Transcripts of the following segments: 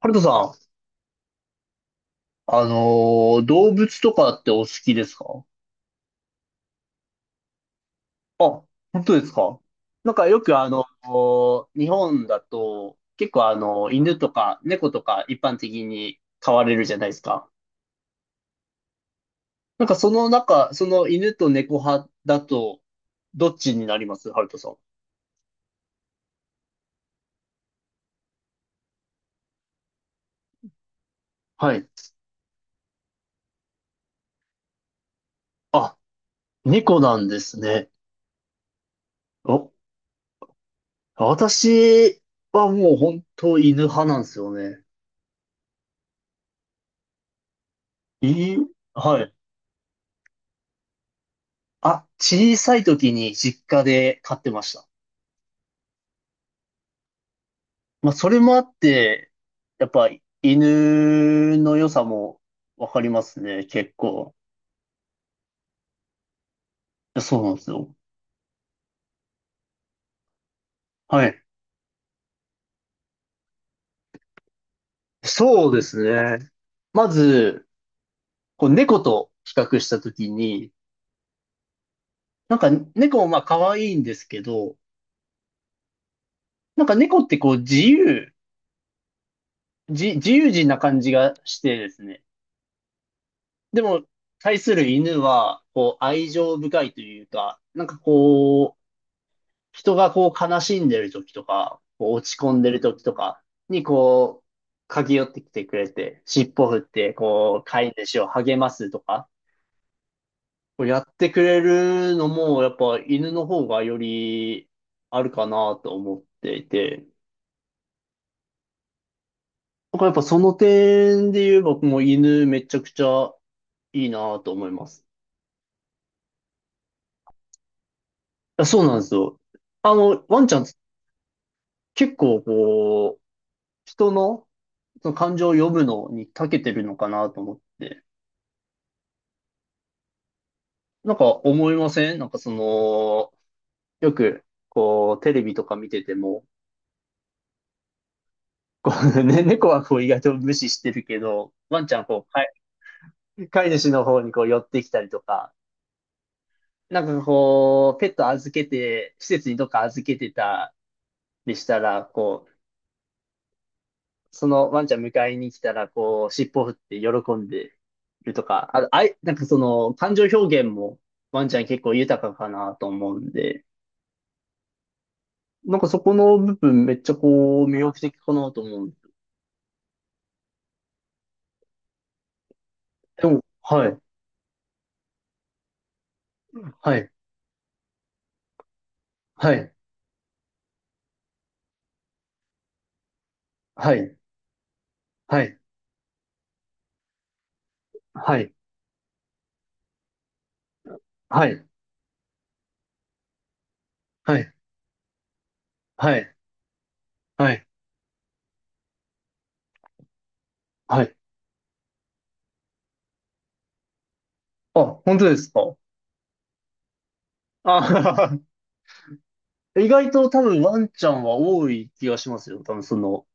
ハルトさん、動物とかってお好きですか？あ、本当ですか？なんかよく日本だと結構犬とか猫とか一般的に飼われるじゃないですか。なんかその中、その犬と猫派だと、どっちになります、ハルトさん？はい。あ、猫なんですね。お、私はもう本当犬派なんですよね。いい、はい。あ、小さい時に実家で飼ってました。まあ、それもあって、やっぱ犬の良さもわかりますね、結構。そうなんですよ。はい。そうですね。まず、こう猫と比較した時に、なんか猫もまあ可愛いんですけど、なんか猫ってこう自由人な感じがしてですね。でも、対する犬は、こう愛情深いというか、なんかこう、人がこう悲しんでる時とか、こう落ち込んでる時とかにこう、駆け寄ってきてくれて、尻尾振って、こう、飼い主を励ますとか、こうやってくれるのも、やっぱ犬の方がよりあるかなと思っていて、なんかやっぱその点で言えば、もう犬めちゃくちゃいいなと思います。いや、そうなんですよ。あの、ワンちゃん結構こう、人の、その感情を読むのに長けてるのかなと思って。なんか思いません？なんかその、よく、こう、テレビとか見てても、こう ね、猫はこう意外と無視してるけど、ワンちゃんこう、飼い主の方にこう寄ってきたりとか、なんかこう、ペット預けて、施設にどっか預けてたりしたら、こう、そのワンちゃん迎えに来たら、こう、尻尾振って喜んでるとか、あ、あい、なんかその、感情表現もワンちゃん結構豊かかなと思うんで、なんかそこの部分めっちゃこう、魅力的かなと思うんでも、はい、はい、はい、はい、はい、はい、はい、はい、はい、はい、はい。あ、本当ですか。あ、 意外と多分ワンちゃんは多い気がしますよ。多分その、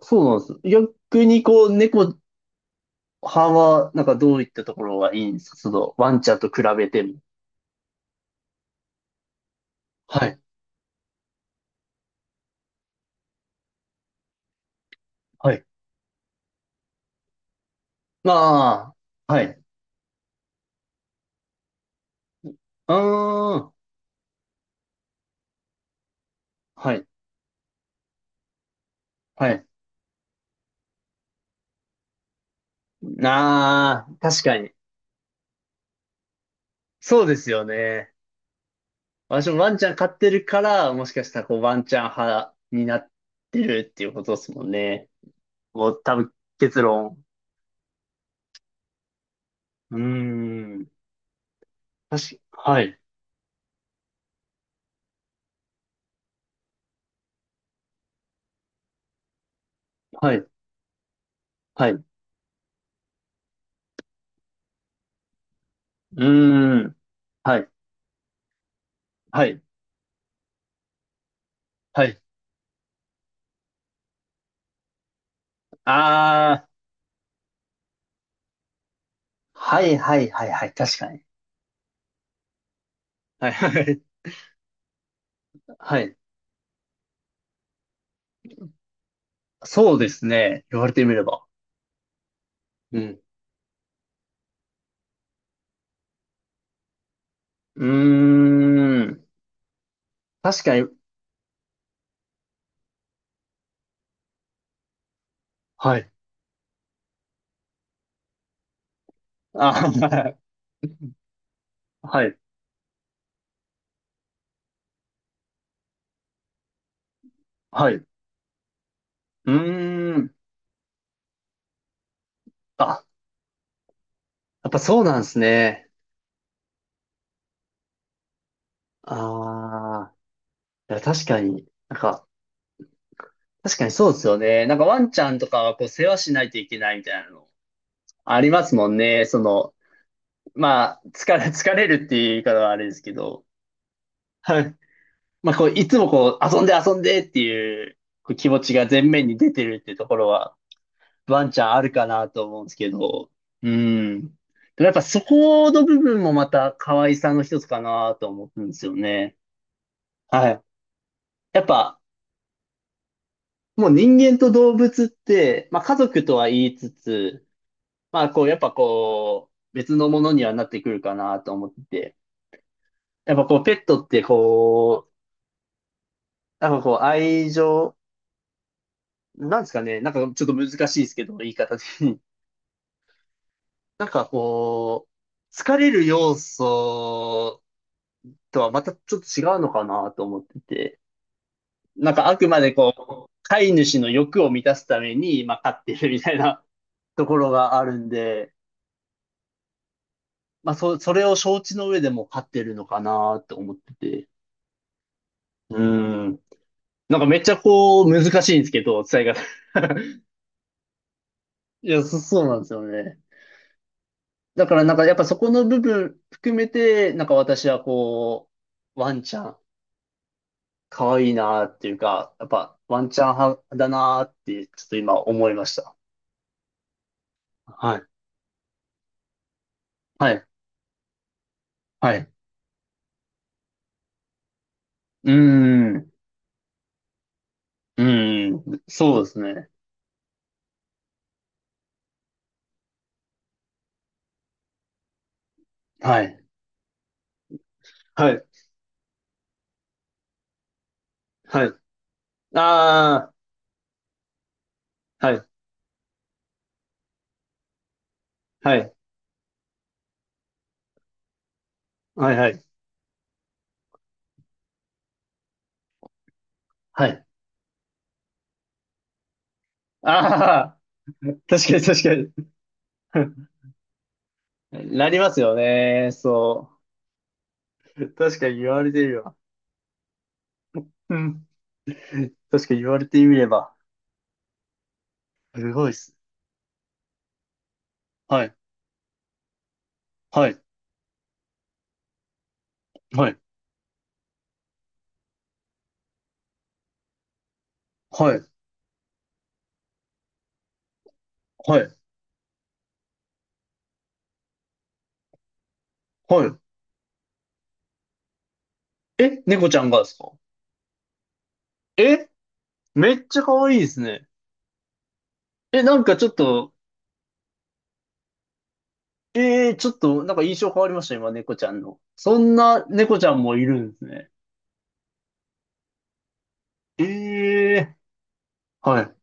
そうなんです。逆にこう、猫派は、なんかどういったところがいいんですか、その、ワンちゃんと比べても？はい、はい。まあ、はい。うーん、はい、はい。なあ、確かに。そうですよね。私もワンちゃん飼ってるから、もしかしたらこうワンちゃん派になってるっていうことですもんね。もう多分結論。うーん。はい、はい、はい。うーん。はい、はい、はい。あー。はい、はい、はい、はい。確かに。はい、はい、はい。そうですね。言われてみれば。うん。うーん。確かに。はい。あ、はい、はい。うーん。あ、やっぱそうなんですね。ああ、いや確かに、なんか、確かにそうですよね。なんかワンちゃんとかはこう世話しないといけないみたいなのありますもんね。その、まあ、疲れるっていう言い方はあれですけど、はい。まあ、こう、いつもこう、遊んで遊んでっていう、こう気持ちが前面に出てるっていうところは、ワンちゃんあるかなと思うんですけど、うん。でもやっぱそこの部分もまた可愛さの一つかなと思うんですよね。はい。やっぱ、もう人間と動物って、まあ家族とは言いつつ、まあこうやっぱこう別のものにはなってくるかなと思ってて、やっぱこうペットってこう、なんかこう愛情、なんですかね、なんかちょっと難しいですけど、言い方で。なんかこう、疲れる要素とはまたちょっと違うのかなと思ってて、なんかあくまでこう、飼い主の欲を満たすために、まあ飼ってるみたいなところがあるんで、まあ、それを承知の上でも勝ってるのかなって思ってて。うん。なんかめっちゃこう、難しいんですけど、伝え方。いや、そうなんですよね。だからなんかやっぱそこの部分含めて、なんか私はこう、ワンちゃん、可愛いなっていうか、やっぱワンちゃん派だなって、ちょっと今思いました。はい。はい。はい。うーん。うーん。そうですね。はい。はい。はい。ああ、はい。はい。はい。はい。はい。ああ、確かに確かに。なりますよね。そう。確かに言われてみれば。うん。確かに言われてみれば。すごいっす。はい。はい。はい。はい。はい。はい。え、猫ちゃんがですか？え、めっちゃ可愛いですね。え、なんかちょっと、ちょっと、なんか印象変わりました、今、猫ちゃんの。そんな猫ちゃんもいるんですね。ええー、はい。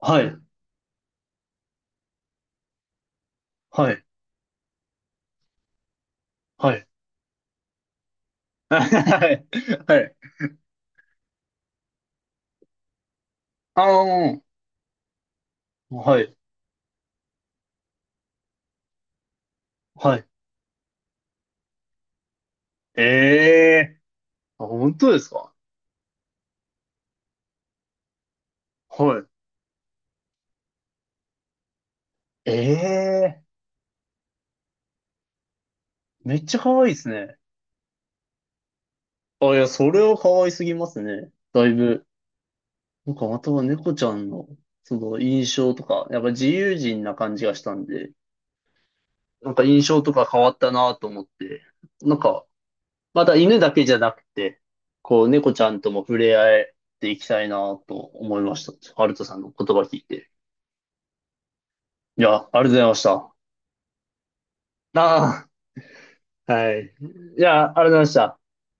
はい。はい。はい。はい。はい。あのはい。はい。ええー、あ、本当ですか？はい。ええー、めっちゃ可愛いですね。あ、いや、それは可愛すぎますね。だいぶ。なんか、または猫ちゃんの、その印象とか、やっぱ自由人な感じがしたんで、なんか印象とか変わったなと思って、なんか、また犬だけじゃなくて、こう、猫ちゃんとも触れ合えていきたいなと思いました。アルトさんの言葉聞いて。いや、ありがとうございました。ああ、はい。いや、ありがとうございました。